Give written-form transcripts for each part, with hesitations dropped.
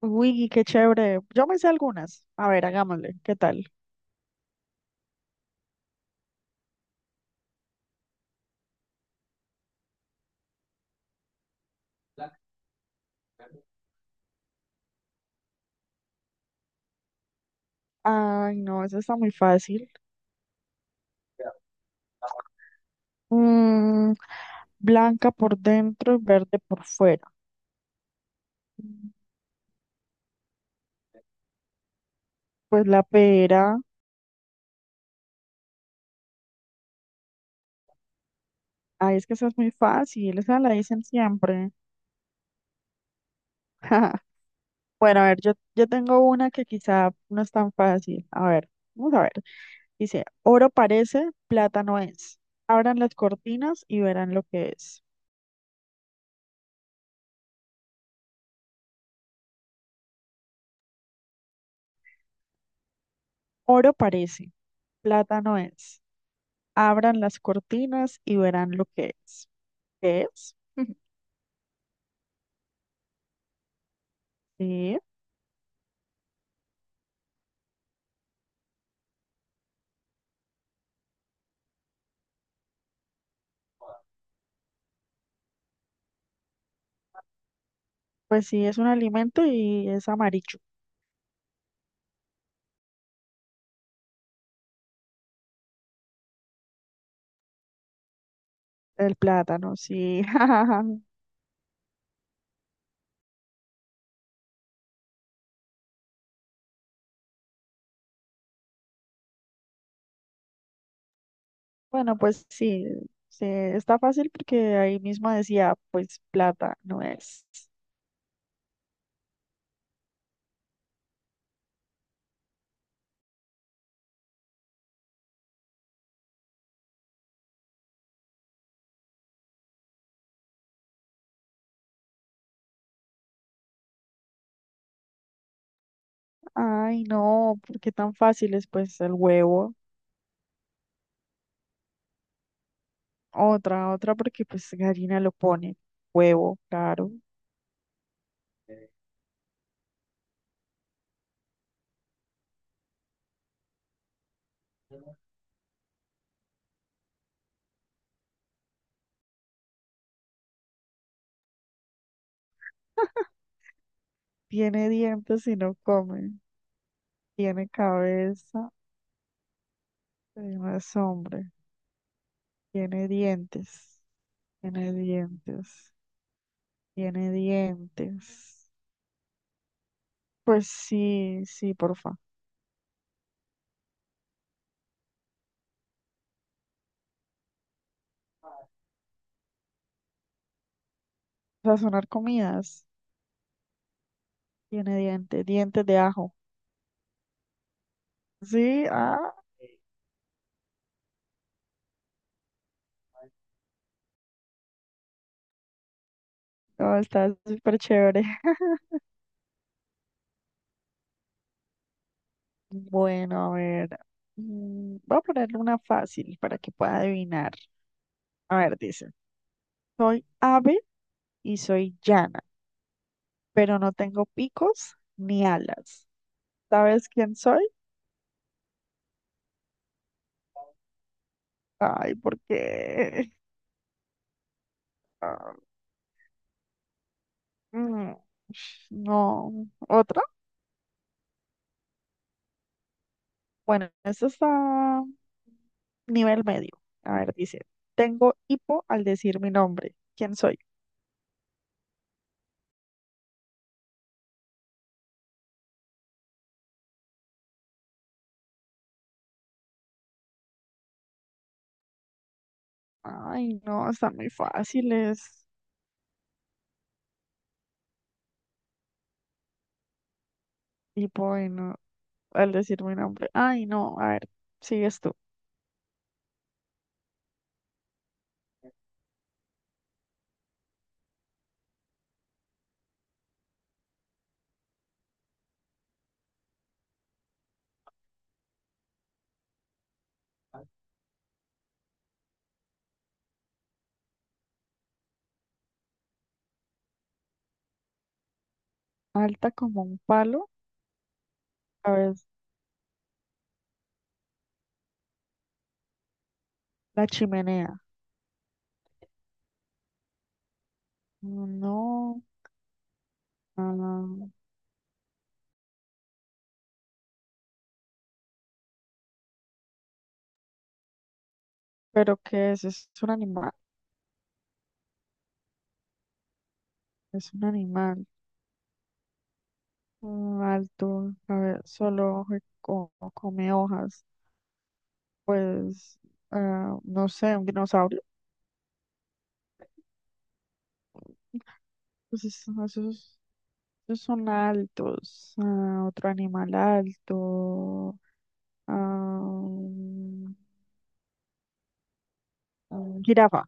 Uy, qué chévere. Yo me sé algunas. A ver, hagámosle. ¿Qué tal? Ay, no, esa está muy fácil. Mm, Blanca por dentro y verde por fuera. Mm, Pues la pera. Ay, es que esa es muy fácil. Esa la dicen siempre. Bueno, a ver, yo tengo una que quizá no es tan fácil. A ver, vamos a ver. Dice, oro parece, plata no es. Abran las cortinas y verán lo que es. Oro parece, plata no es. Abran las cortinas y verán lo que es. ¿Qué es? Sí, pues sí, es un alimento y es amarillo. El plátano, sí. Bueno, pues sí, sí, está fácil porque ahí mismo decía, pues plata no es. Ay, no, ¿por qué tan fácil? Es pues el huevo. Otra, otra porque pues gallina lo pone. Huevo, claro. Tiene dientes y no come. Tiene cabeza, pero no es hombre. Tiene dientes, tiene dientes, Tiene dientes. Pues sí, sí, porfa. Sazonar comidas. Tiene dientes, dientes de ajo. Sí, ah, no, está súper chévere. Bueno, a ver. Voy a ponerle una fácil para que pueda adivinar. A ver, dice. Soy ave y soy llana, pero no tengo picos ni alas. ¿Sabes quién soy? Ay, ¿por qué? Mm, no, otra. Bueno, esto está nivel medio. A ver, dice, tengo hipo al decir mi nombre. ¿Quién soy? Ay, no, están muy fáciles. Hipo, bueno, al decir mi nombre. Ay, no, a ver, sigues tú. Alta como un palo, a ver, la chimenea. No, ah, pero ¿qué es? Es un animal. Alto, a ver, come hojas. Pues, no sé, un dinosaurio. Pues es- esos, Esos son altos. Otro animal alto. ah, un- un jirafa.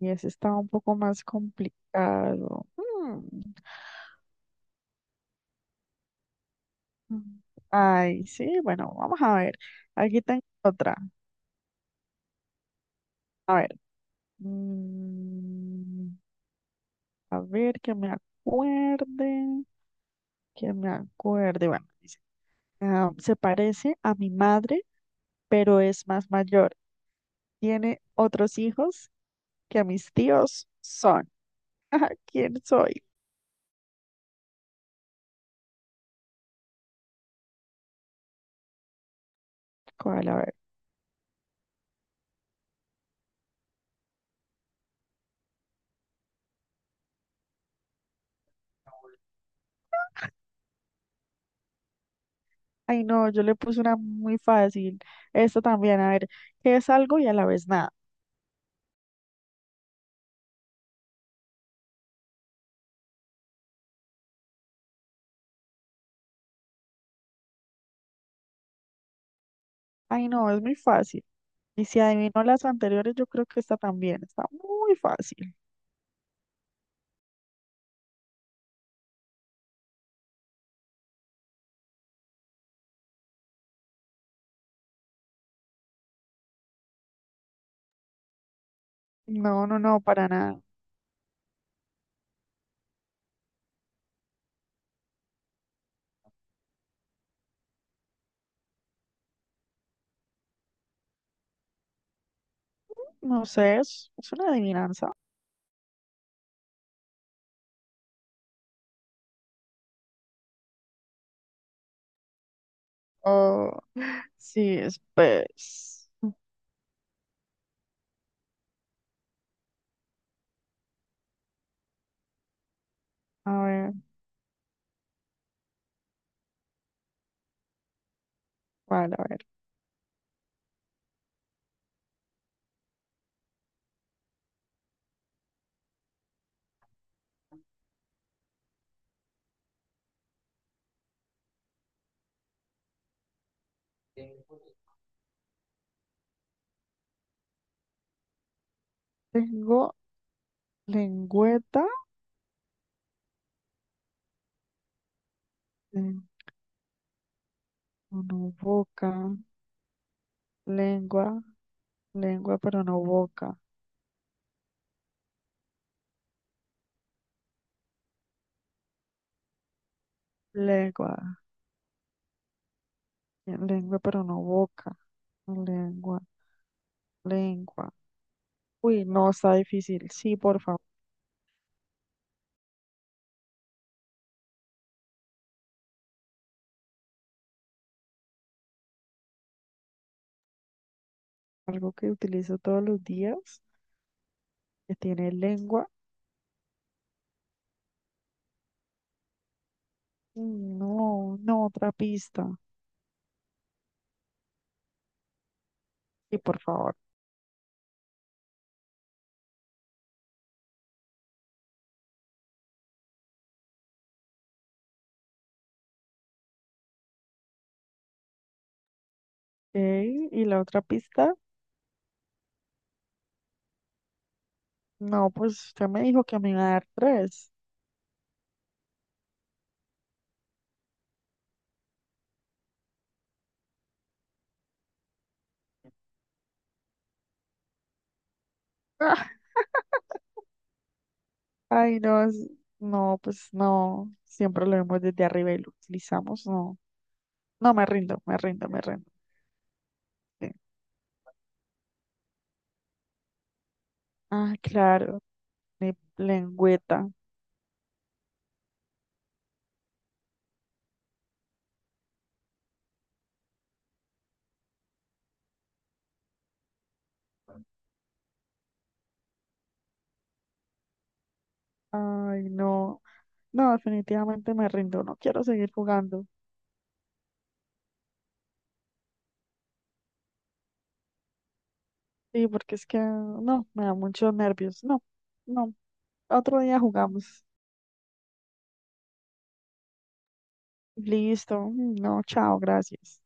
Y ese está un poco más complicado. Mm. Ay, sí, bueno, vamos a ver. Aquí tengo otra. A ver. mm, a ver, que me acuerde. Que me acuerde. Bueno, dice, se parece a mi madre pero es más mayor. Tiene otros hijos que a mis tíos son. Ajá, ¿quién soy? ¿Cuál? A ver. Ay, no, yo le puse una muy fácil. Esta también, a ver, ¿qué es algo y a la vez nada? Ay, no, es muy fácil. Y si adivinó las anteriores, yo creo que esta también está muy fácil. No, no, no, para nada. No sé, es una adivinanza. Oh, sí, es pez. A ver, ¿cuál? A ver. Tengo lengüeta. No boca, lengua, lengua pero no boca, lengua, lengua pero no boca, lengua, lengua. Uy, no, está difícil. Sí, por favor, algo que utilizo todos los días, que tiene lengua. No, no, otra pista. Sí, por favor. Ok, ¿y la otra pista? No, pues usted me dijo que me iba a dar tres. Ah, Ay, no, pues no, siempre lo vemos desde arriba y lo utilizamos, no. No, me rindo, me rindo, me rindo. Sí. Ah, claro, mi lengüeta. Ay, no. No, definitivamente me rindo. No quiero seguir jugando. Sí, porque es que no, me da muchos nervios. No, no. Otro día jugamos. Listo. No, chao, gracias.